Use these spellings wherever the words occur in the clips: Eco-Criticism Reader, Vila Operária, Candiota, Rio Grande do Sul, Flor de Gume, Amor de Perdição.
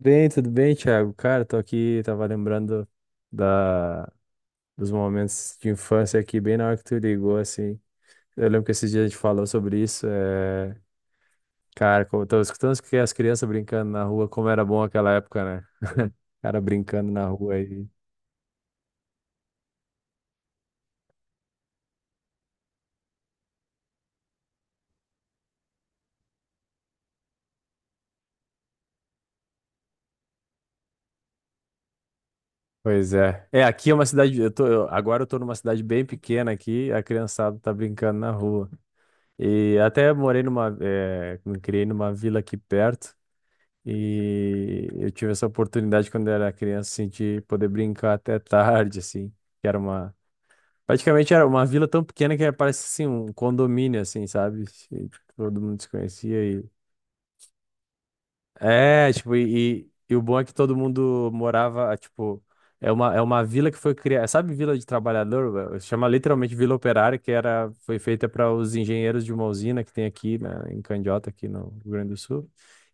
Bem, tudo bem, Thiago? Cara, tô aqui, tava lembrando da, dos momentos de infância aqui, bem na hora que tu ligou, assim. Eu lembro que esses dias a gente falou sobre isso. Cara, como eu tava escutando que as crianças brincando na rua, como era bom aquela época, né? Cara brincando na rua aí. Pois é. É, aqui é uma cidade. Agora eu tô numa cidade bem pequena aqui, a criançada tá brincando na rua. E até morei numa. É me criei numa vila aqui perto. E eu tive essa oportunidade quando eu era criança, assim, de poder brincar até tarde, assim, que era uma... praticamente era uma vila tão pequena que parece, assim, um condomínio, assim, sabe? E todo mundo se conhecia. É, tipo, e o bom é que todo mundo morava, tipo, é uma vila que foi criada. Sabe Vila de Trabalhador velho? Chama literalmente Vila Operária, que era, foi feita para os engenheiros de uma usina que tem aqui, né, em Candiota, aqui no Rio Grande do Sul.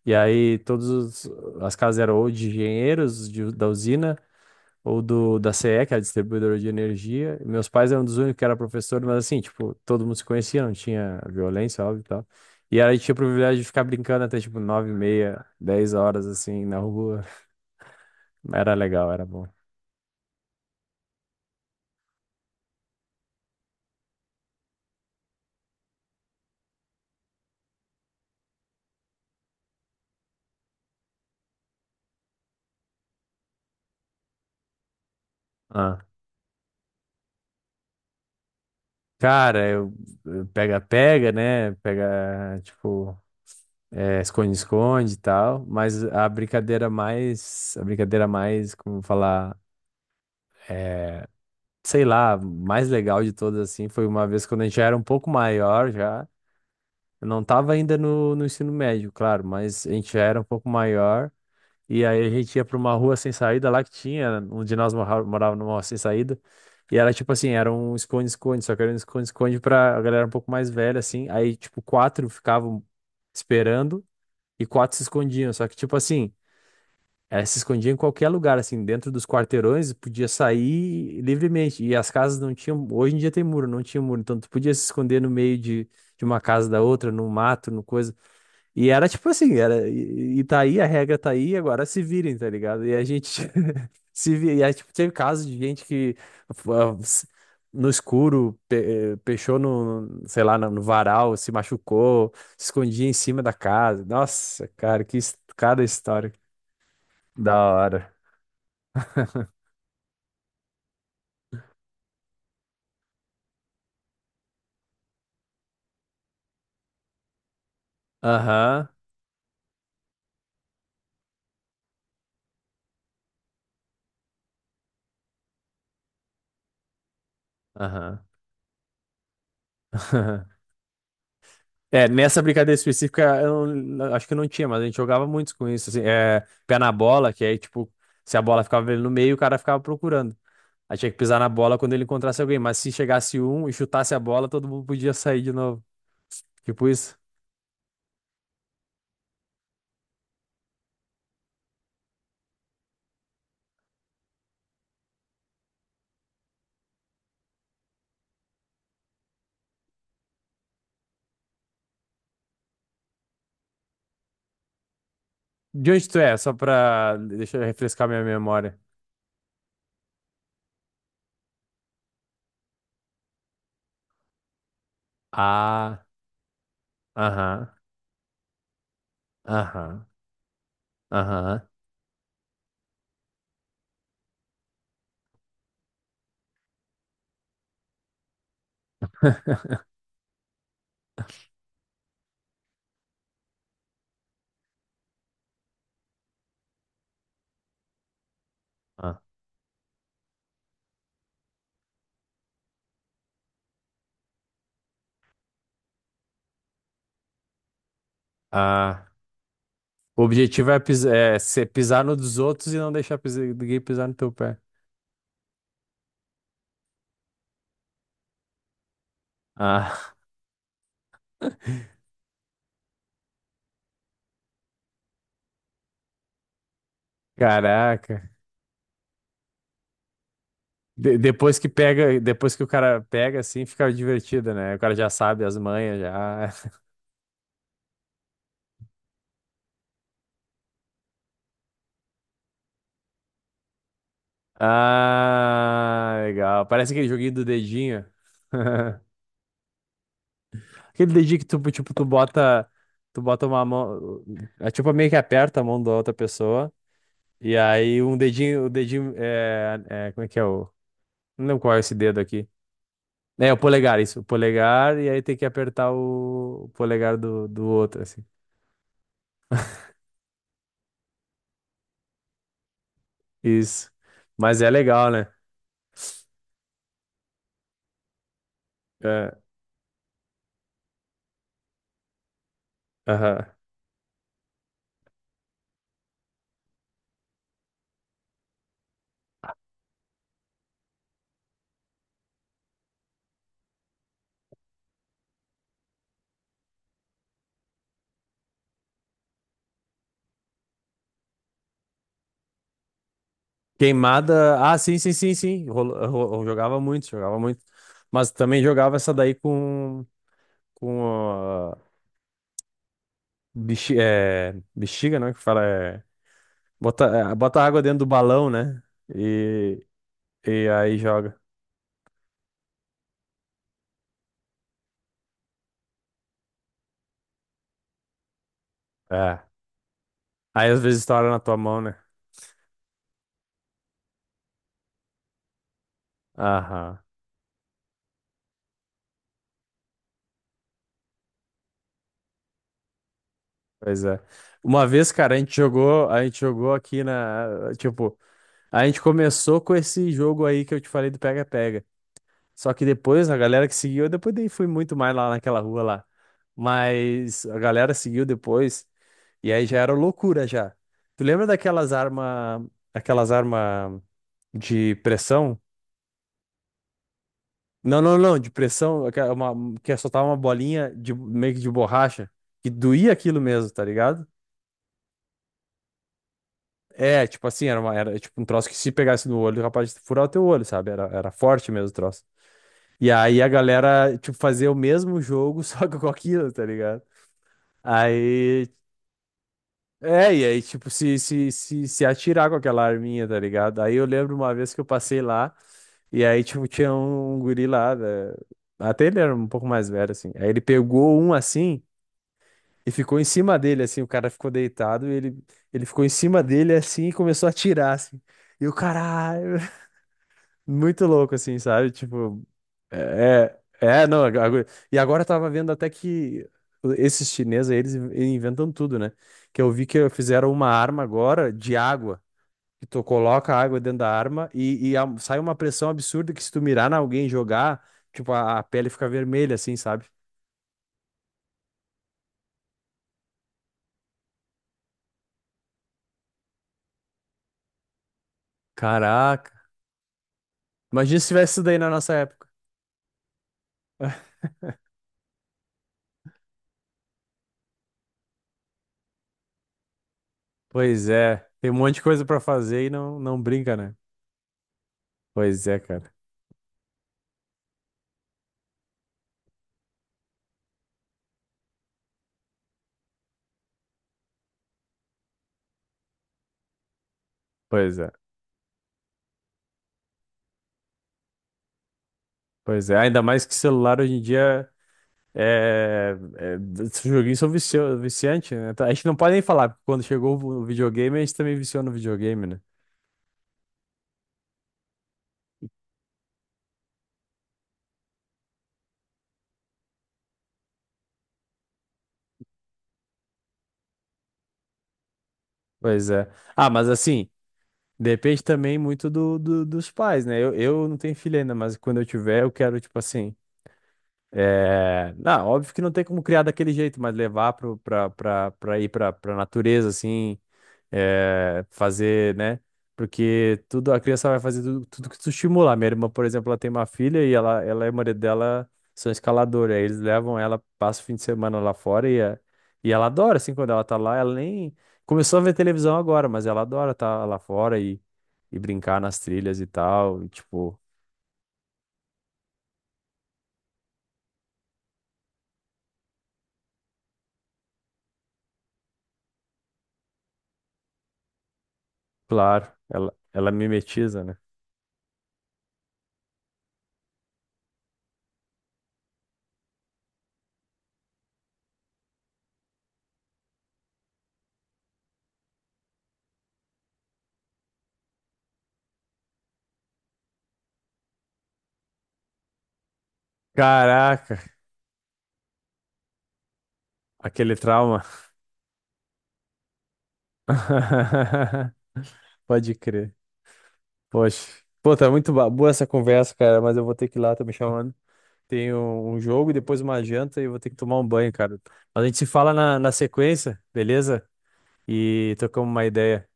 E aí todas as casas eram ou de engenheiros da usina, ou do da CE, que é a distribuidora de energia. E meus pais eram dos únicos que era professor, mas assim, tipo, todo mundo se conhecia, não tinha violência, óbvio e tal. E aí tinha o privilégio de ficar brincando até tipo 9h30, 10 horas assim na rua. Era legal, era bom. Ah. Cara, eu pega-pega, né? Pega, tipo, esconde-esconde e tal, mas a brincadeira mais, como falar, é, sei lá, mais legal de todas, assim, foi uma vez quando a gente já era um pouco maior, já, eu não tava ainda no ensino médio, claro, mas a gente já era um pouco maior, e aí a gente ia pra uma rua sem saída lá que tinha, um de nós morava numa rua sem saída. E era tipo assim, era um esconde-esconde, só que era um esconde-esconde pra a galera um pouco mais velha, assim. Aí, tipo, quatro ficavam esperando e quatro se escondiam. Só que, tipo assim, elas se escondiam em qualquer lugar, assim, dentro dos quarteirões, podia sair livremente. E as casas não tinham. Hoje em dia tem muro, não tinha muro. Então tu podia se esconder no meio de uma casa da outra, no mato, no coisa. E era tipo assim, era, e tá aí, a regra tá aí, agora se virem, tá ligado? E a gente se vira, e aí, tipo, teve casos de gente que ah, s- no escuro pechou sei lá, no varal, se machucou, se escondia em cima da casa. Nossa, cara, cada história. Da hora. Aham, aham. É, nessa brincadeira específica, eu não- acho que não tinha, mas a gente jogava muito com isso, assim, é, pé na bola, que aí, tipo, se a bola ficava ali no meio, o cara ficava procurando. Aí tinha que pisar na bola quando ele encontrasse alguém, mas se chegasse um e chutasse a bola, todo mundo podia sair de novo. Tipo isso. De onde tu é? Só pra. Deixa eu refrescar minha memória. Ah, aham, aham, aham. Ah. Ah. O objetivo é, pisar no dos outros e não deixar ninguém pisar no teu pé. Ah, caraca. Depois que pega, depois que o cara pega, assim, fica divertido, né? O cara já sabe as manhas, já. Ah, legal. Parece aquele joguinho do dedinho. Aquele dedinho que tu, tipo, tu bota uma mão, tipo, meio que aperta a mão da outra pessoa. E aí um dedinho, o dedinho, como é que é o, não lembro qual é esse dedo aqui. É, o polegar, isso, o polegar, e aí tem que apertar o polegar do outro, assim. Isso. Mas é legal, né? É, aham. Queimada. Ah, sim, sim, sim, sim. Jogava muito, jogava muito. Mas também jogava essa daí com, com a bexiga, né? Que fala. Bota água dentro do balão, né? E, e aí joga. É. Aí às vezes estoura na tua mão, né? Aham. Pois é. Uma vez, cara, a gente jogou aqui na. Tipo, a gente começou com esse jogo aí que eu te falei do pega-pega. Só que depois, a galera que seguiu, eu depois nem fui muito mais lá naquela rua lá. Mas a galera seguiu depois, e aí já era loucura já. Tu lembra aquelas armas de pressão? Não, não, não, de pressão, uma, que é soltar uma bolinha de, meio que de borracha, que doía aquilo mesmo, tá ligado? É, tipo assim, era tipo um troço que se pegasse no olho, capaz de furar o teu olho, sabe? Era forte mesmo o troço. E aí a galera, tipo, fazia o mesmo jogo, só que com aquilo, tá ligado? Aí. É, e aí, tipo, se atirar com aquela arminha, tá ligado? Aí eu lembro uma vez que eu passei lá, e aí, tipo, tinha um, guri lá, né? Até ele era um pouco mais velho, assim. Aí ele pegou um assim e ficou em cima dele, assim. O cara ficou deitado e ele ficou em cima dele, assim, e começou a atirar, assim. E o caralho, muito louco, assim, sabe? Tipo, não. E agora eu tava vendo até que esses chineses, aí, eles inventam tudo, né? Que eu vi que fizeram uma arma agora de água. Que tu coloca a água dentro da arma e sai uma pressão absurda que se tu mirar na alguém e jogar, tipo, a pele fica vermelha, assim, sabe? Caraca. Imagina se tivesse isso daí na nossa época. Pois é. Tem um monte de coisa pra fazer e não, não brinca, né? Pois é, cara. Pois é. Pois é. Ainda mais que celular hoje em dia. Esses joguinhos são viciantes, né? Tá. A gente não pode nem falar, porque quando chegou o videogame, a gente também viciou no videogame, né? Pois é. Ah, mas assim, depende também muito dos pais, né? Eu não tenho filho ainda, mas quando eu tiver, eu quero, tipo assim. Não, óbvio que não tem como criar daquele jeito, mas levar pro, pra, pra, pra ir pra natureza, assim, fazer, né? Porque tudo, a criança vai fazer tudo, tudo que tu estimular. Minha irmã, por exemplo, ela tem uma filha e ela e o marido dela são escaladores. Aí eles levam ela, passa o fim de semana lá fora e ela adora, assim, quando ela tá lá, ela nem começou a ver televisão agora, mas ela adora estar lá fora e brincar nas trilhas e tal. E, tipo, claro, ela mimetiza, né? Caraca, aquele trauma. Pode crer. Poxa. Pô, tá muito boa essa conversa, cara, mas eu vou ter que ir lá, tô me chamando. Tenho um jogo e depois uma janta e eu vou ter que tomar um banho, cara. Mas a gente se fala na sequência, beleza? E trocamos uma ideia.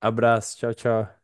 Abraço, tchau, tchau.